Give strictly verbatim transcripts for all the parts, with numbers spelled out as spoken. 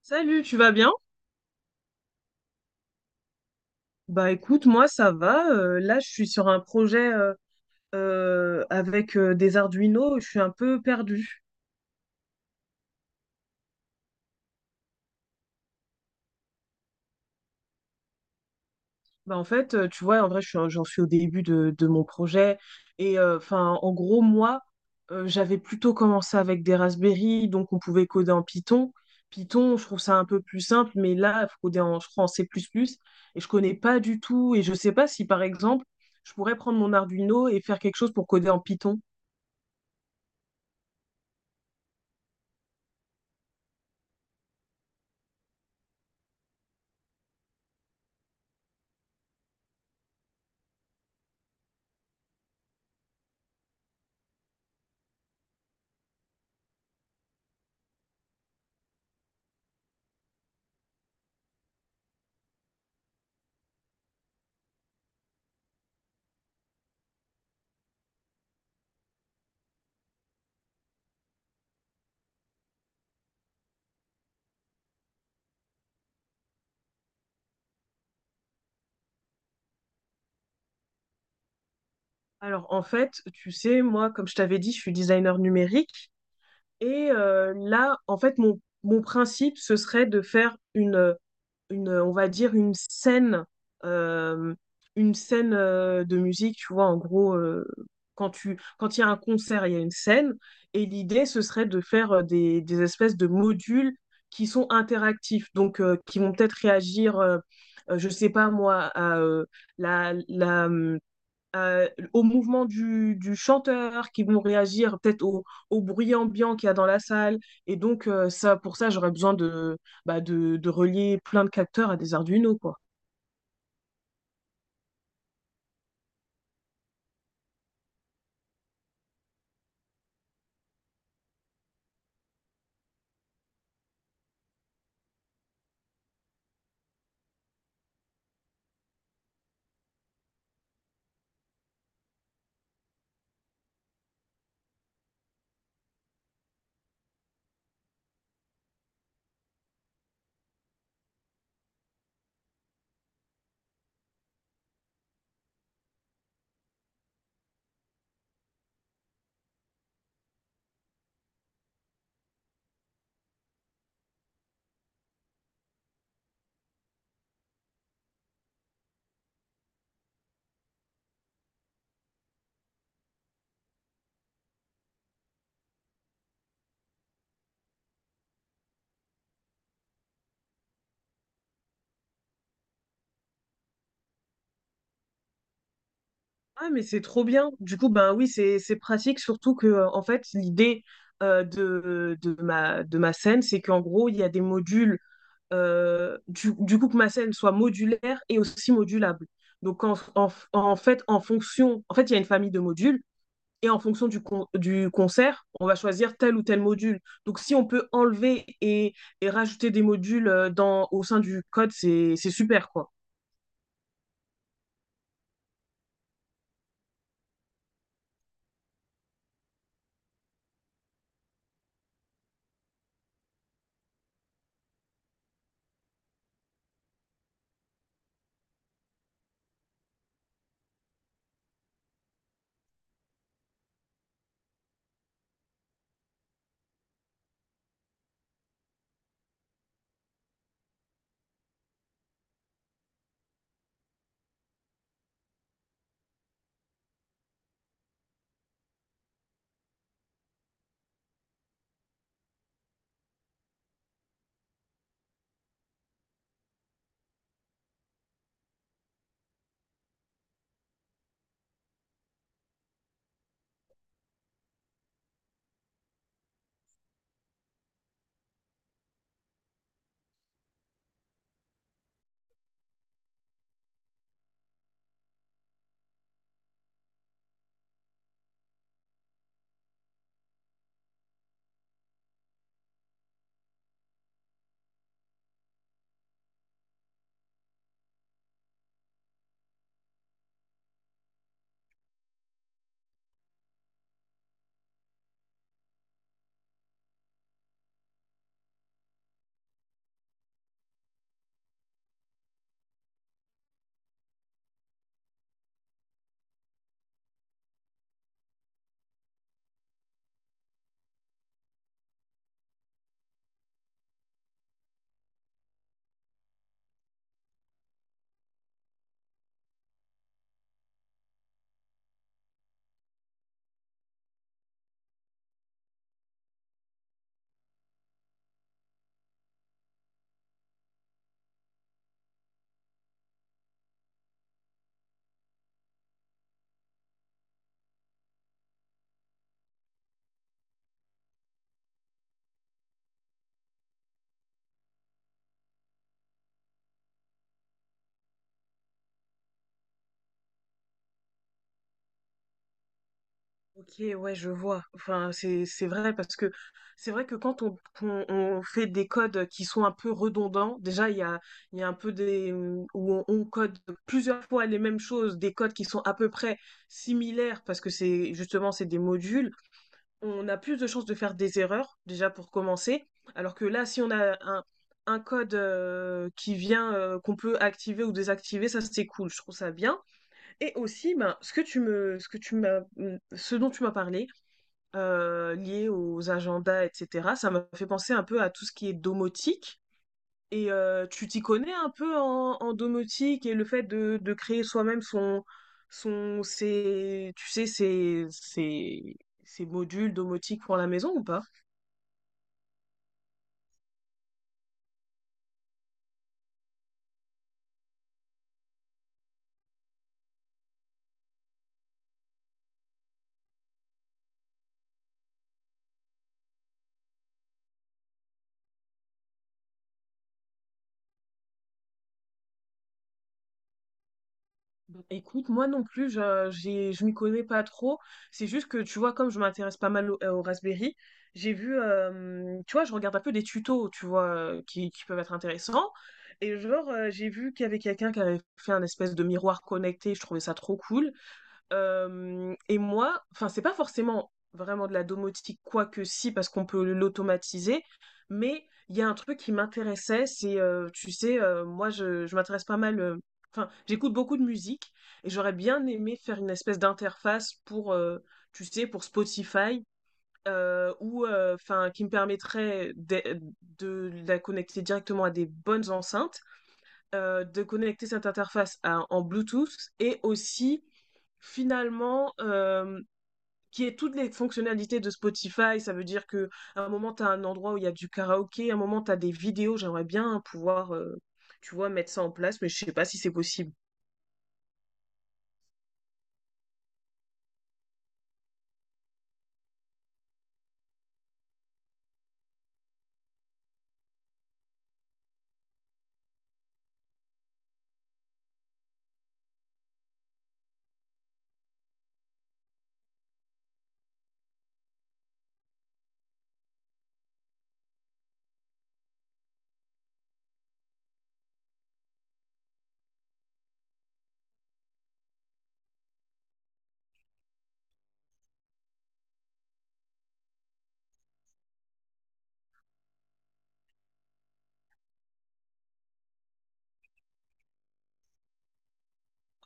Salut, tu vas bien? Bah écoute, moi ça va. euh, là, je suis sur un projet euh, euh, avec euh, des Arduino. Je suis un peu perdue. Bah en fait, euh, tu vois, en vrai, je suis un- j'en suis au début de, de mon projet. Et euh, enfin, en gros, moi, euh, j'avais plutôt commencé avec des Raspberry, donc on pouvait coder en Python. Python, je trouve ça un peu plus simple, mais là, il faut coder en, je crois, en C++ plus plus. Et je connais pas du tout. Et je sais pas si, par exemple, je pourrais prendre mon Arduino et faire quelque chose pour coder en Python. Alors en fait, tu sais, moi, comme je t'avais dit, je suis designer numérique et euh, là, en fait, mon, mon principe, ce serait de faire une, une, on va dire, une scène, euh, une scène euh, de musique, tu vois, en gros, euh, quand tu, quand il y a un concert, il y a une scène et l'idée, ce serait de faire euh, des, des espèces de modules qui sont interactifs, donc euh, qui vont peut-être réagir, euh, euh, je sais pas moi, à euh, la, la hum, euh, au mouvement du, du chanteur, qui vont réagir peut-être au, au bruit ambiant qu'il y a dans la salle. Et donc, euh, ça, pour ça, j'aurais besoin de, bah, de, de relier plein de capteurs à des Arduino, quoi. Ah, mais c'est trop bien. Du coup, ben oui, c'est c'est pratique, surtout que, euh, en fait, l'idée euh, de, de ma, de ma scène, c'est qu'en gros, il y a des modules, euh, du, du coup, que ma scène soit modulaire et aussi modulable. Donc, en, en, en fait, en fonction, en fait, il y a une famille de modules, et en fonction du, con- du concert, on va choisir tel ou tel module. Donc si on peut enlever et, et rajouter des modules, euh, dans, au sein du code, c'est, c'est super, quoi. Ok, ouais, je vois. Enfin, c'est, c'est vrai parce que c'est vrai que quand on, on- on fait des codes qui sont un peu redondants, déjà, il y a, il y a un peu des... où on, on code plusieurs fois les mêmes choses, des codes qui sont à peu près similaires parce que c'est justement, c'est des modules. On a plus de chances de faire des erreurs, déjà pour commencer. Alors que là, si on a un, un code, euh, qui vient, euh, qu'on peut activer ou désactiver, ça c'est cool, je trouve ça bien. Et aussi, ben, ce que tu me, ce que tu m'as, ce dont tu m'as parlé, euh, lié aux agendas, et cetera, ça m'a fait penser un peu à tout ce qui est domotique. Et euh, tu t'y connais un peu en, en domotique et le fait de, de créer soi-même son, son, ses, tu sais, ses, ses, ses modules domotiques pour la maison ou pas? Bah, écoute, moi non plus, je, j'ai, je m'y connais pas trop. C'est juste que, tu vois, comme je m'intéresse pas mal au, euh, au Raspberry, j'ai vu, euh, tu vois, je regarde un peu des tutos, tu vois, euh, qui, qui peuvent être intéressants. Et genre, euh, j'ai vu qu'il y avait quelqu'un qui avait fait un espèce de miroir connecté. Je trouvais ça trop cool. Euh, et moi, enfin, c'est pas forcément vraiment de la domotique, quoique si, parce qu'on peut l'automatiser, mais il y a un truc qui m'intéressait, c'est, euh, tu sais, euh, moi, je, je m'intéresse pas mal, euh, enfin, j'écoute beaucoup de musique, et j'aurais bien aimé faire une espèce d'interface pour, euh, tu sais, pour Spotify, euh, ou, enfin, qui me permettrait de, de la connecter directement à des bonnes enceintes, euh, de connecter cette interface à- en Bluetooth et aussi finalement, euh, qui est toutes les fonctionnalités de Spotify. Ça veut dire que à un moment, tu as un endroit où il y a du karaoké, à un moment, tu as des vidéos. J'aimerais bien pouvoir, euh, tu vois, mettre ça en place, mais je sais pas si c'est possible.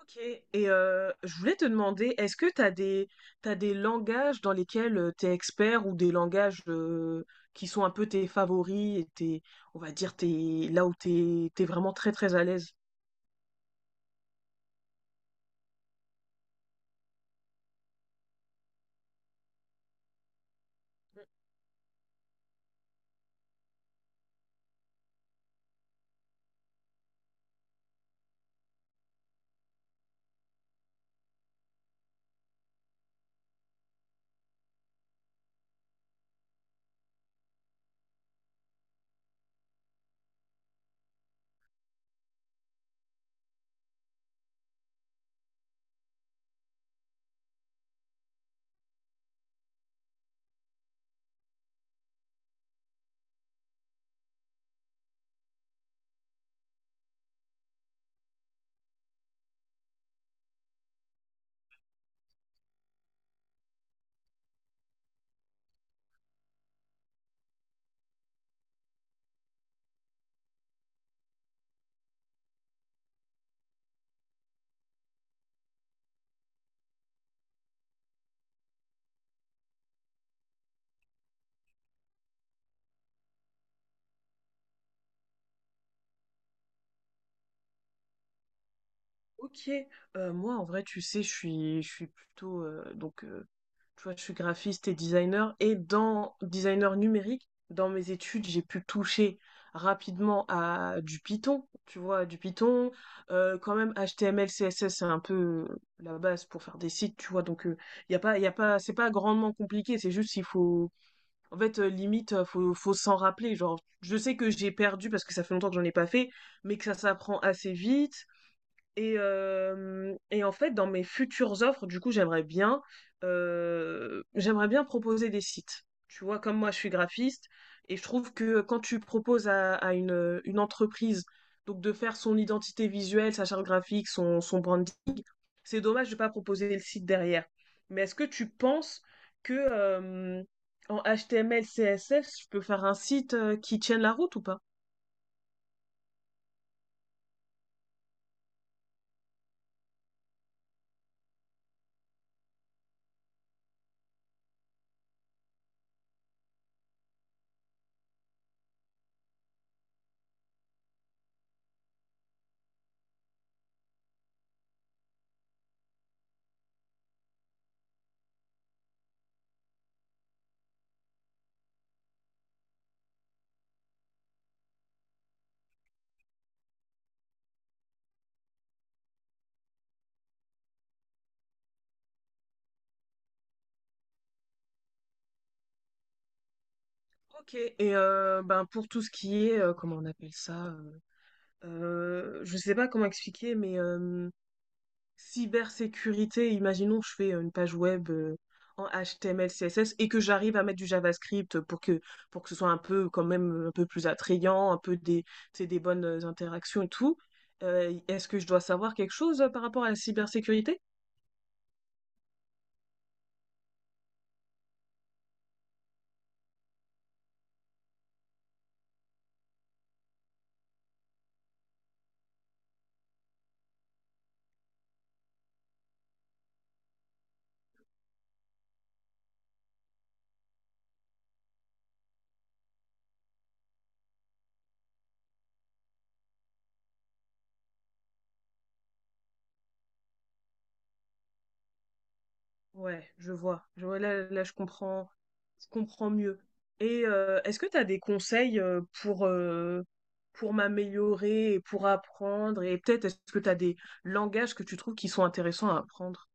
Ok, et euh, je voulais te demander, est-ce que tu as des, t'as des langages dans lesquels tu es expert ou des langages, euh, qui sont un peu tes favoris et tes, on va dire, tes, là où tu es, vraiment très très à l'aise? Ok, Euh, moi en vrai, tu sais, je suis, je suis plutôt, euh, donc, euh, tu vois, je suis graphiste et designer et dans designer numérique, dans mes études, j'ai pu toucher rapidement à du Python, tu vois, du Python, euh, quand même H T M L, C S S, c'est un peu la base pour faire des sites, tu vois, donc il y a pas, y a pas, c'est pas grandement compliqué, c'est juste qu'il faut, en fait, euh, limite, euh, faut, faut s'en rappeler, genre, je sais que j'ai perdu parce que ça fait longtemps que j'en ai pas fait, mais que ça s'apprend assez vite. Et, euh, et en fait, dans mes futures offres, du coup, j'aimerais bien, euh, j'aimerais bien proposer des sites. Tu vois, comme moi, je suis graphiste et je trouve que quand tu proposes à, à une, une entreprise donc de faire son identité visuelle, sa charte graphique, son, son branding, c'est dommage de ne pas proposer le site derrière. Mais est-ce que tu penses que, euh, en H T M L, C S S, je peux faire un site, euh, qui tienne la route ou pas? Ok. Et euh, ben pour tout ce qui est, euh, comment on appelle ça? Euh, je sais pas comment expliquer, mais, euh, cybersécurité, imaginons que je fais une page web, euh, en H T M L, C S S et que j'arrive à mettre du JavaScript pour que, pour que ce soit un peu quand même un peu plus attrayant, un peu des, tu sais, des bonnes interactions et tout. Euh, est-ce que je dois savoir quelque chose, euh, par rapport à la cybersécurité? Ouais, je vois. Je vois, là, là, je comprends, je comprends mieux. Et euh, est-ce que tu as des conseils, euh, pour, euh, pour m'améliorer et pour apprendre? Et peut-être, est-ce que tu as des langages que tu trouves qui sont intéressants à apprendre?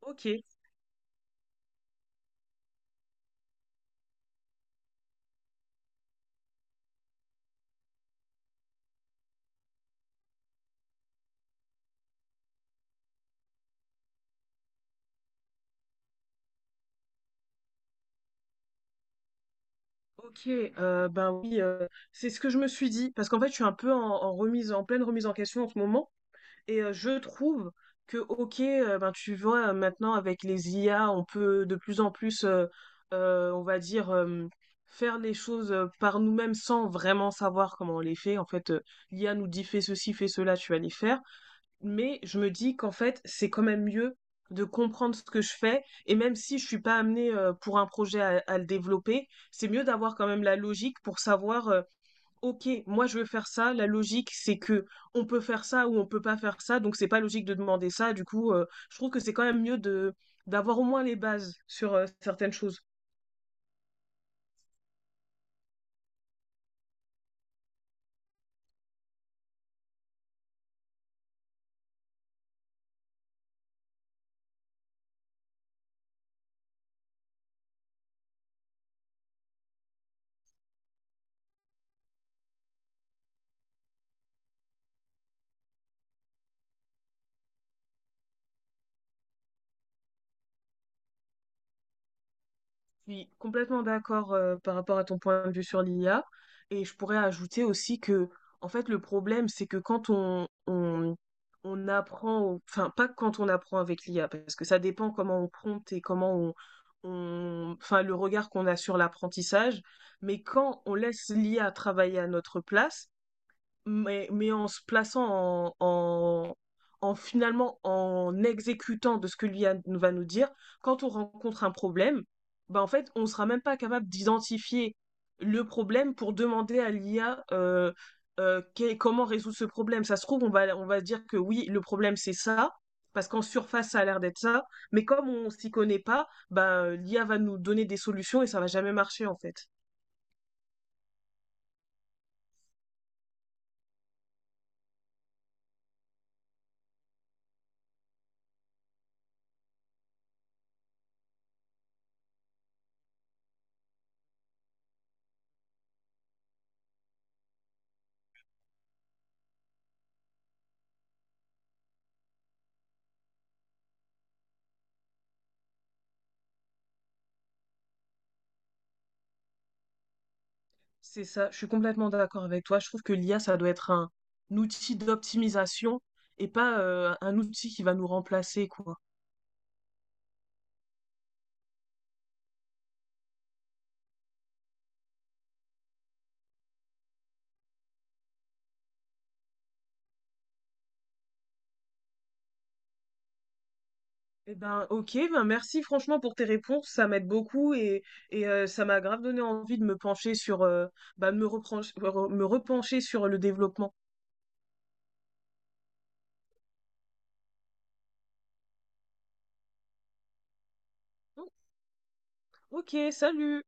Ok, ok, euh, ben oui, euh, c'est ce que je me suis dit, parce qu'en fait, je suis un peu en, en remise, en pleine remise en question en ce moment. Et euh, je trouve que, ok, euh, ben, tu vois, euh, maintenant avec les I A, on peut de plus en plus, euh, euh, on va dire, euh, faire les choses, euh, par nous-mêmes sans vraiment savoir comment on les fait. En fait, euh, l'I A nous dit fais ceci, fais cela, tu vas les faire. Mais je me dis qu'en fait, c'est quand même mieux de comprendre ce que je fais. Et même si je suis pas amenée, euh, pour un projet à, à le développer, c'est mieux d'avoir quand même la logique pour savoir, OK, moi je veux faire ça. La logique, c'est que on peut faire ça ou on peut pas faire ça, donc c'est pas logique de demander ça. Du coup, euh, je trouve que c'est quand même mieux de d'avoir au moins les bases sur, euh, certaines choses. Je suis complètement d'accord, euh, par rapport à ton point de vue sur l'I A et je pourrais ajouter aussi que en fait le problème, c'est que quand on, on on apprend au- enfin pas quand on apprend avec l'I A parce que ça dépend comment on prompte et comment on, on- enfin le regard qu'on a sur l'apprentissage, mais quand on laisse l'I A travailler à notre place, mais, mais en se plaçant en, en, en finalement, en exécutant de ce que l'I A nous va nous dire, quand on rencontre un problème, bah en fait, on ne sera même pas capable d'identifier le problème pour demander à l'I A, euh, euh, que- comment résoudre ce problème. Ça se trouve, on va, on va dire que oui, le problème c'est ça, parce qu'en surface, ça a l'air d'être ça, mais comme on s'y connaît pas, bah, l'I A va nous donner des solutions et ça va jamais marcher en fait. C'est ça, je suis complètement d'accord avec toi. Je trouve que l'I A, ça doit être un, un outil d'optimisation et pas, euh, un outil qui va nous remplacer, quoi. Eh ben, ok, ben merci franchement pour tes réponses, ça m'aide beaucoup et, et euh, ça m'a grave donné envie de me pencher sur, euh, bah, de me repren- re- me repencher sur le développement. Hum, Ok, salut!